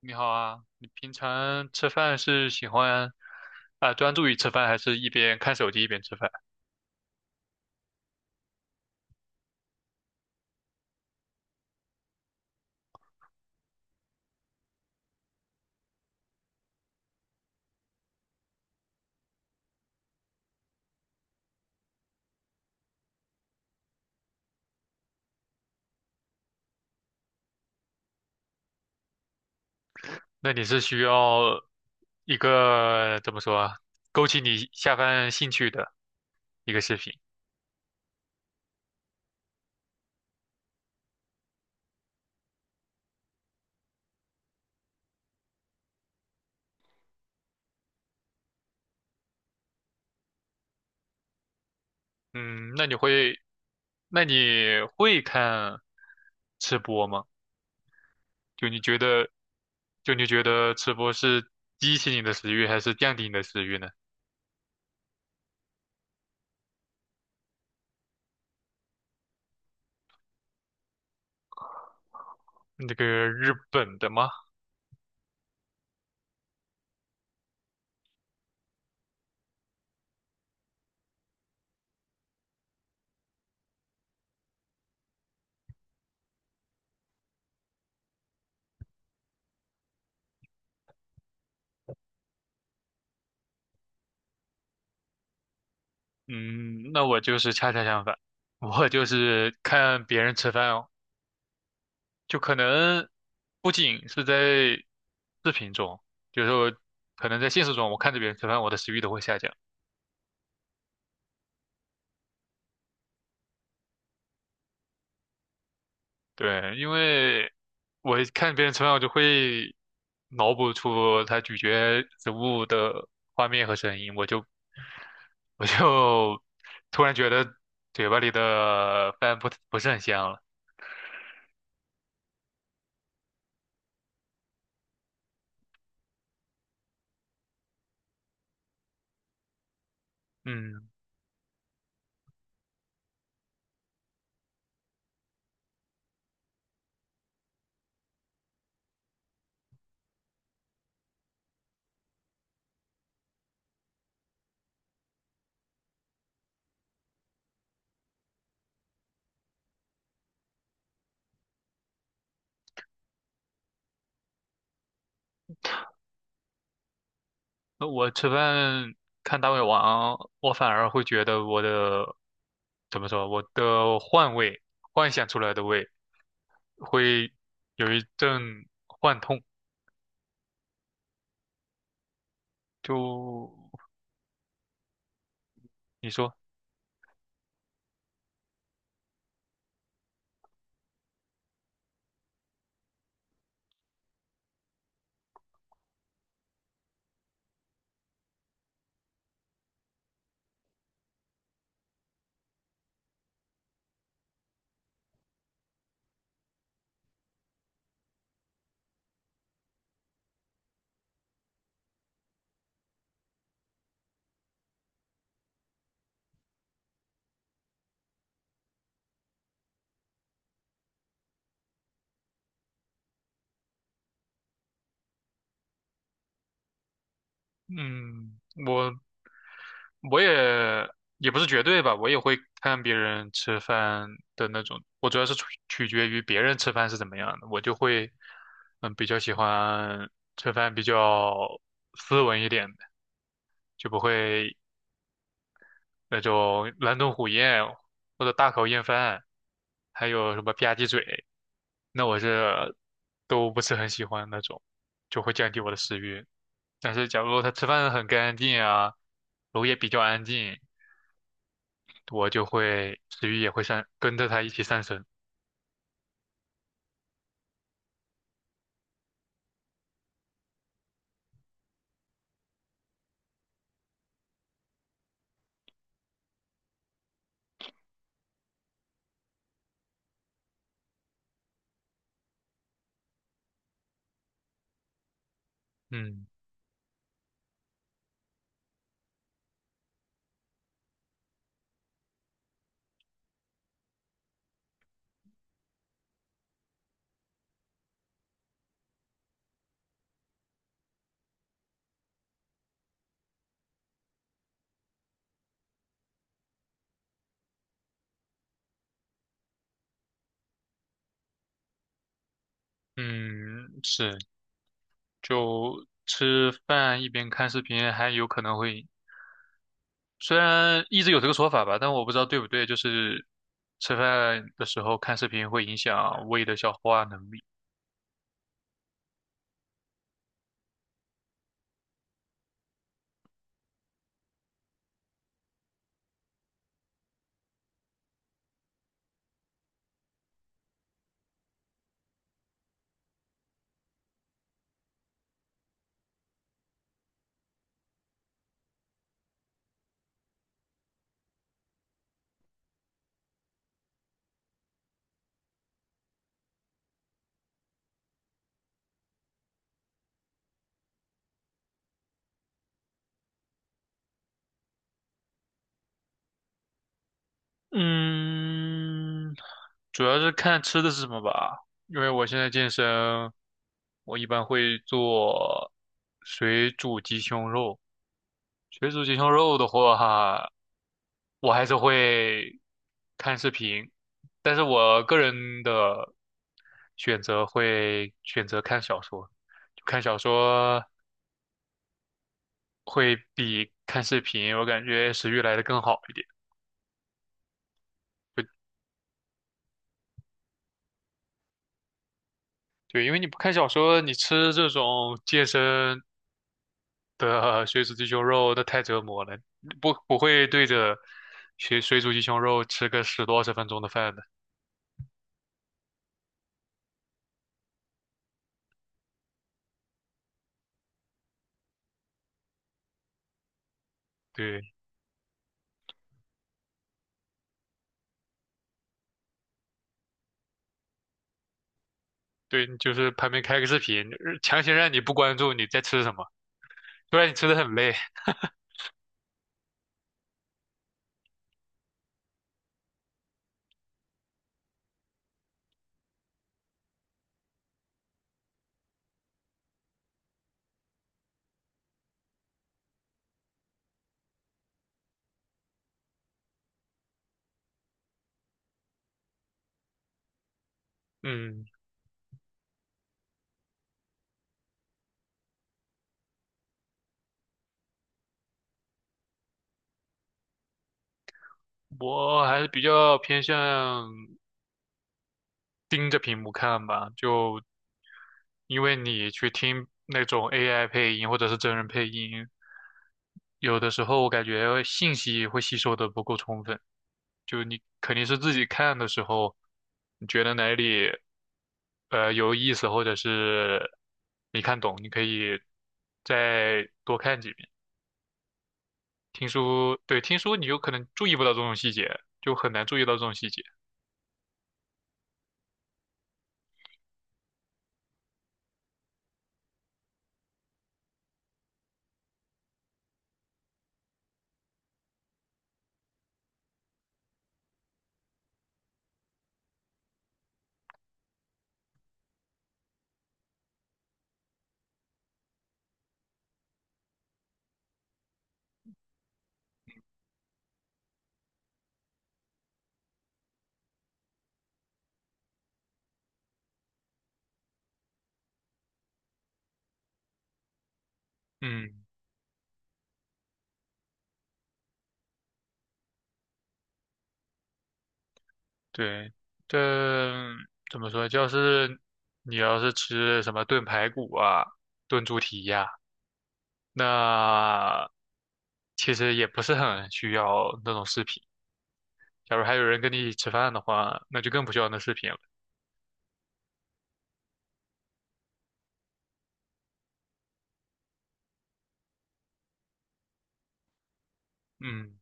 你好啊，你平常吃饭是喜欢专注于吃饭，还是一边看手机一边吃饭？那你是需要一个怎么说啊，勾起你下饭兴趣的一个视频。嗯，那你会看吃播吗？就你觉得，就你觉得吃播是激起你的食欲，还是降低你的食欲呢？那个日本的吗？嗯，那我就是恰恰相反。我就是看别人吃饭，哦。就可能不仅是在视频中，就是说可能在现实中，我看着别人吃饭，我的食欲都会下降。对，因为我看别人吃饭，我就会脑补出他咀嚼食物的画面和声音，我就 突然觉得嘴巴里的饭不是很香了。嗯，那我吃饭看大胃王，我反而会觉得我的怎么说，我的幻味幻想出来的味。会有一阵幻痛。就你说。嗯，我我也不是绝对吧，我也会看别人吃饭的那种。我主要是取决于别人吃饭是怎么样的，我就会嗯比较喜欢吃饭比较斯文一点的，就不会那种狼吞虎咽或者大口咽饭，还有什么吧唧嘴，那我是都不是很喜欢那种，就会降低我的食欲。但是假如他吃饭很干净啊，楼也比较安静，我就会食欲也会上，跟着他一起上升。嗯嗯，是，就吃饭一边看视频，还有可能会，虽然一直有这个说法吧，但我不知道对不对，就是吃饭的时候看视频会影响胃的消化能力。嗯，主要是看吃的是什么吧，因为我现在健身，我一般会做水煮鸡胸肉。水煮鸡胸肉的话，我还是会看视频，但是我个人的选择会选择看小说，就看小说会比看视频，我感觉食欲来的更好一点。对对，因为你不看小说，你吃这种健身。的水煮鸡胸肉那太折磨了，不会对着水煮鸡胸肉吃个10多20分钟的饭的。对对，你就是旁边开个视频，强行让你不关注你在吃什么，不然你吃的很累。嗯，我还是比较偏向盯着屏幕看吧，就因为你去听那种 AI 配音或者是真人配音，有的时候我感觉信息会吸收的不够充分，就你肯定是自己看的时候，你觉得哪里。有意思，或者是没看懂，你可以再多看几遍。听书，对，听书你有可能注意不到这种细节，就很难注意到这种细节。嗯，对，这怎么说？就是你要是吃什么炖排骨啊、炖猪蹄呀、那其实也不是很需要那种视频。假如还有人跟你一起吃饭的话，那就更不需要那视频了。嗯。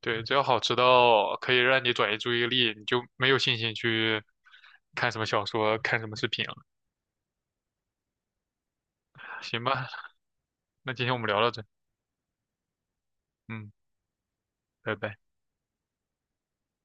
对，只要好吃到可以让你转移注意力，你就没有信心去看什么小说、看什么视频了。行吧，那今天我们聊到这，嗯，拜拜。